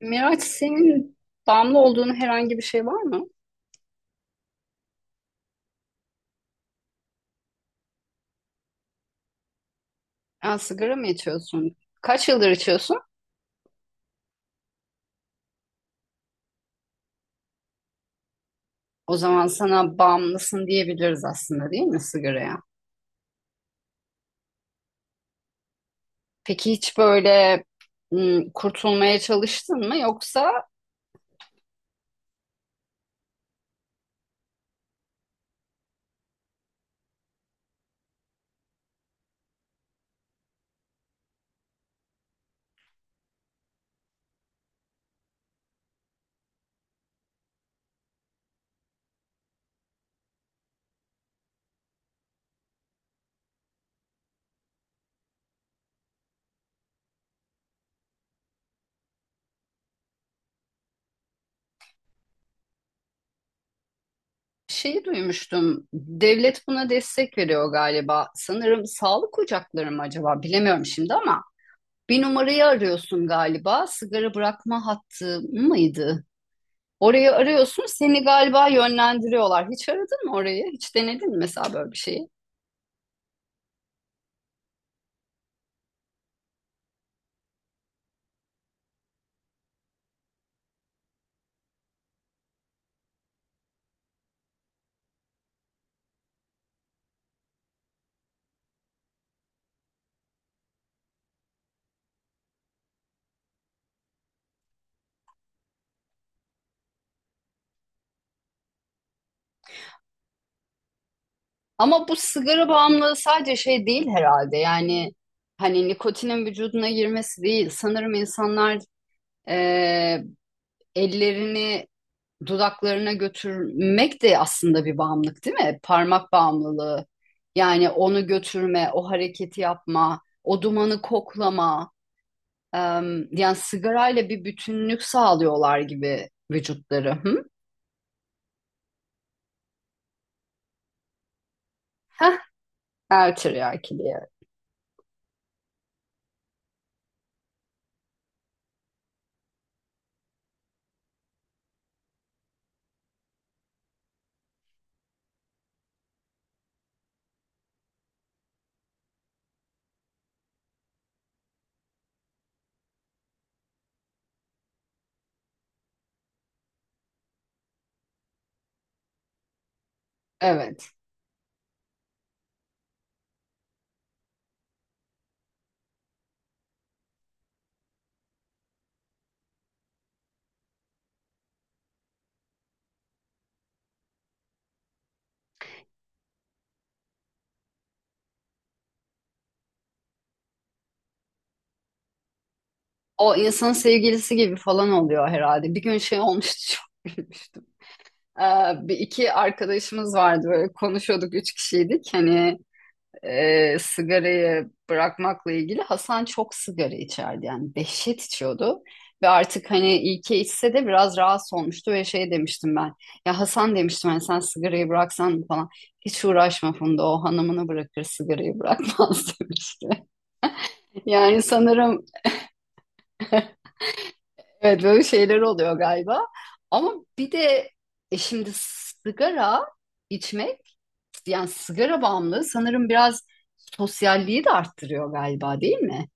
Miraç senin bağımlı olduğun herhangi bir şey var mı? Yani sigara mı içiyorsun? Kaç yıldır içiyorsun? O zaman sana bağımlısın diyebiliriz aslında, değil mi, sigaraya? Peki hiç böyle kurtulmaya çalıştın mı? Yoksa şeyi duymuştum. Devlet buna destek veriyor galiba. Sanırım sağlık ocakları mı acaba? Bilemiyorum şimdi ama bir numarayı arıyorsun galiba. Sigara bırakma hattı mıydı? Orayı arıyorsun, seni galiba yönlendiriyorlar. Hiç aradın mı orayı? Hiç denedin mi mesela böyle bir şeyi? Ama bu sigara bağımlılığı sadece şey değil herhalde. Yani hani nikotinin vücuduna girmesi değil. Sanırım insanlar eee, ellerini dudaklarına götürmek de aslında bir bağımlılık, değil mi? Parmak bağımlılığı. Yani onu götürme, o hareketi yapma, o dumanı koklama. Yani sigarayla bir bütünlük sağlıyorlar gibi vücutları. Hı? Ertiryakiliğe. Evet. Evet. O insanın sevgilisi gibi falan oluyor herhalde. Bir gün şey olmuştu çok gülmüştüm. Ee, bir iki arkadaşımız vardı böyle konuşuyorduk, üç kişiydik. Hani sigarayı bırakmakla ilgili Hasan çok sigara içerdi, yani dehşet içiyordu. Ve artık hani iyi ki içse de biraz rahatsız olmuştu ve şey demiştim ben. Ya Hasan demiştim, hani sen sigarayı bıraksan falan. Hiç uğraşma Funda, o hanımını bırakır sigarayı bırakmaz demişti. Yani sanırım evet, böyle şeyler oluyor galiba. Ama bir de e şimdi sigara içmek, yani sigara bağımlılığı sanırım biraz sosyalliği de arttırıyor galiba, değil mi?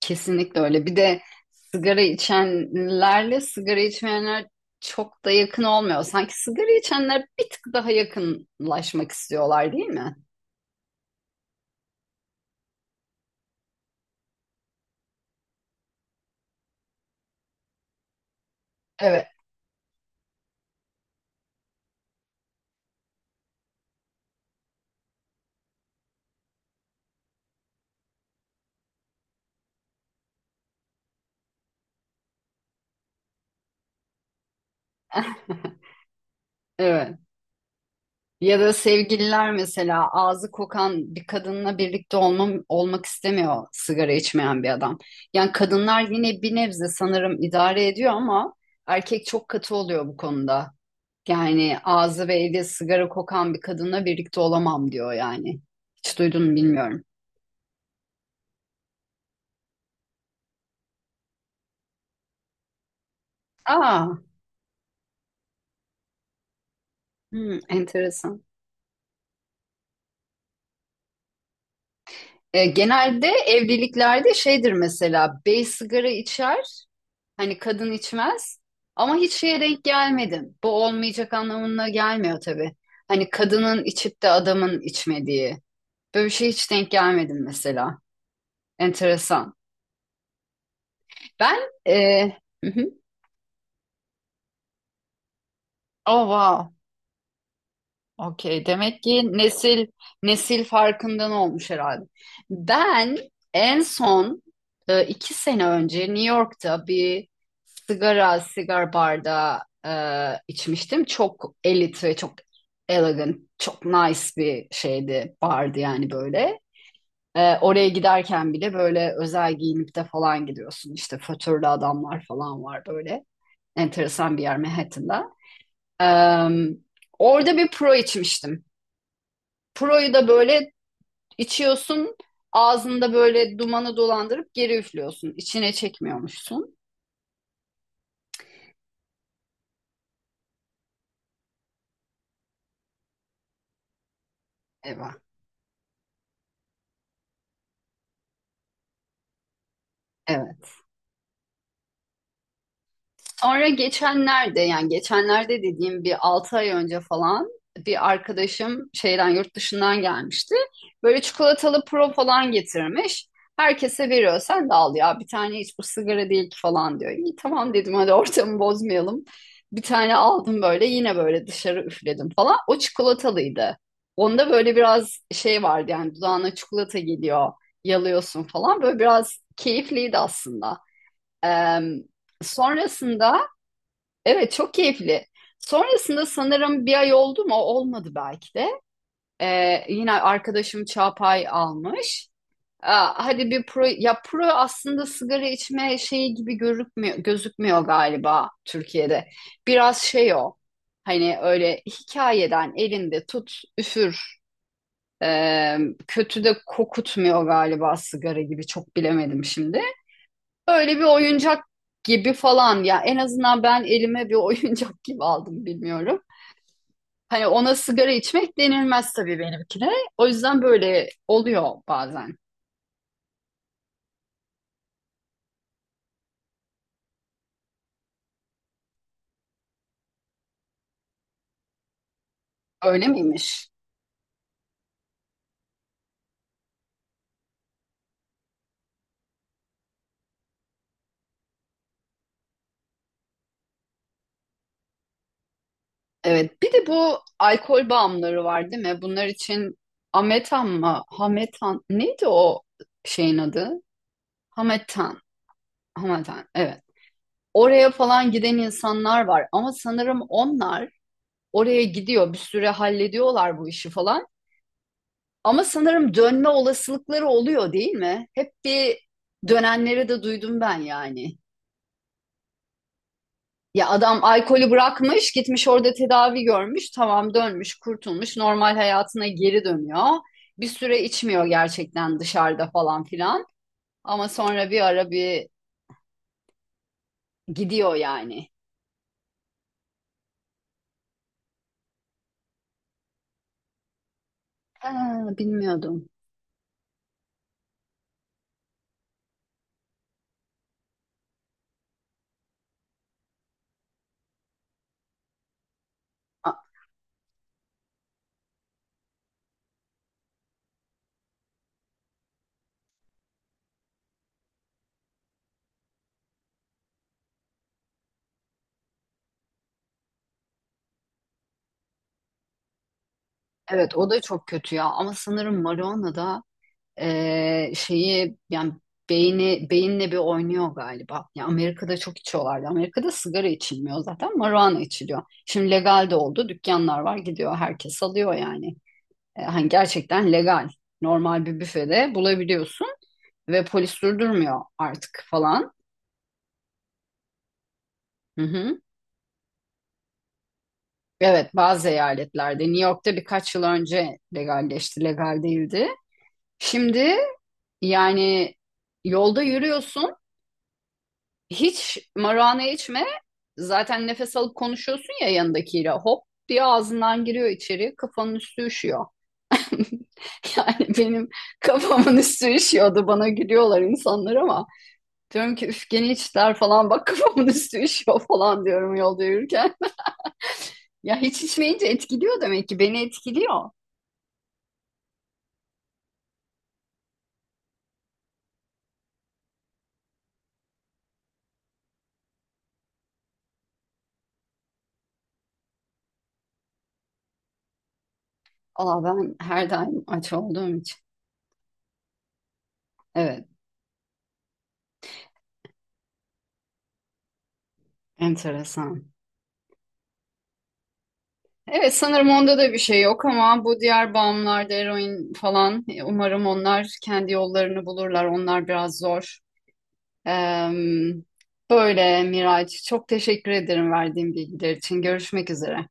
Kesinlikle öyle. Bir de sigara içenlerle sigara içmeyenler çok da yakın olmuyor. Sanki sigara içenler bir tık daha yakınlaşmak istiyorlar, değil mi? Evet. Evet. Ya da sevgililer mesela, ağzı kokan bir kadınla birlikte olmam, olmak istemiyor sigara içmeyen bir adam. Yani kadınlar yine bir nebze sanırım idare ediyor ama erkek çok katı oluyor bu konuda. Yani ağzı ve eli sigara kokan bir kadınla birlikte olamam diyor yani. Hiç duydun mu bilmiyorum. Aa, hmm, enteresan. E, genelde evliliklerde şeydir mesela, bey sigara içer. Hani kadın içmez ama hiç şeye denk gelmedim. Bu olmayacak anlamına gelmiyor tabii. Hani kadının içip de adamın içmediği. Böyle bir şey hiç denk gelmedim mesela. Enteresan. Ben e, hı hı. Oh wow. Okey. Demek ki nesil nesil farkından olmuş herhalde. Ben en son iki sene önce New York'ta bir sigar barda içmiştim. Çok elit ve çok elegant, çok nice bir şeydi, bardı yani, böyle. E, oraya giderken bile böyle özel giyinip de falan gidiyorsun. İşte fötürlü adamlar falan var böyle. Enteresan bir yer Manhattan'da. E, orada bir pro içmiştim. Pro'yu da böyle içiyorsun, ağzında böyle dumanı dolandırıp geri üflüyorsun. İçine çekmiyormuşsun. Evet. Evet. Sonra geçenlerde, yani geçenlerde dediğim bir 6 ay önce falan, bir arkadaşım şeyden yurt dışından gelmişti. Böyle çikolatalı pro falan getirmiş. Herkese veriyor. Sen de al ya bir tane, hiç bu sigara değil ki falan diyor. İyi tamam dedim, hadi ortamı bozmayalım. Bir tane aldım böyle, yine böyle dışarı üfledim falan. O çikolatalıydı. Onda böyle biraz şey vardı, yani dudağına çikolata geliyor, yalıyorsun falan. Böyle biraz keyifliydi aslında. Em, Sonrasında evet, çok keyifli. Sonrasında sanırım bir ay oldu mu? Olmadı belki de. Yine arkadaşım Çağpay almış. Aa, hadi bir pro, ya pro aslında sigara içme şeyi gibi gözükmüyor galiba Türkiye'de. Biraz şey o. Hani öyle hikayeden elinde tut üfür. Ee, kötü de kokutmuyor galiba sigara gibi, çok bilemedim şimdi. Öyle bir oyuncak gibi falan ya, en azından ben elime bir oyuncak gibi aldım, bilmiyorum. Hani ona sigara içmek denilmez tabii benimkine. O yüzden böyle oluyor bazen. Öyle miymiş? Evet. Bir de bu alkol bağımlıları var değil mi? Bunlar için Ametan mı? Hametan. Neydi o şeyin adı? Hametan. Hametan. Evet. Oraya falan giden insanlar var ama sanırım onlar oraya gidiyor, bir süre hallediyorlar bu işi falan. Ama sanırım dönme olasılıkları oluyor değil mi? Hep bir dönenleri de duydum ben yani. Ya adam alkolü bırakmış, gitmiş orada tedavi görmüş, tamam dönmüş, kurtulmuş, normal hayatına geri dönüyor. Bir süre içmiyor gerçekten dışarıda falan filan. Ama sonra bir ara bir gidiyor yani. Ha, bilmiyordum. A- Evet, o da çok kötü ya, ama sanırım marijuana da şeyi yani beyni beyinle bir oynuyor galiba. Ya Amerika'da çok içiyorlardı. Amerika'da sigara içilmiyor zaten, marijuana içiliyor. Şimdi legal de oldu. Dükkanlar var, gidiyor herkes alıyor yani. Hani gerçekten legal. Normal bir büfede bulabiliyorsun ve polis durdurmuyor artık falan. Hı hı. Evet, bazı eyaletlerde, New York'ta birkaç yıl önce legalleşti, legal değildi. Şimdi yani yolda yürüyorsun, hiç marijuana içme. Zaten nefes alıp konuşuyorsun ya yanındakiyle. Hop diye ağzından giriyor içeri. Kafanın üstü üşüyor. Yani benim kafamın üstü üşüyordu. Bana gülüyorlar insanlar ama. Diyorum ki üf gene içtiler falan. Bak kafamın üstü üşüyor falan diyorum yolda yürürken. Ya hiç içmeyince etkiliyor demek ki. Beni etkiliyor. Aa, ben her daim aç olduğum için. Evet, enteresan. Evet sanırım onda da bir şey yok ama bu diğer bağımlılarda, eroin falan, umarım onlar kendi yollarını bulurlar. Onlar biraz zor. Eee, böyle Miraç, çok teşekkür ederim verdiğin bilgiler için. Görüşmek üzere.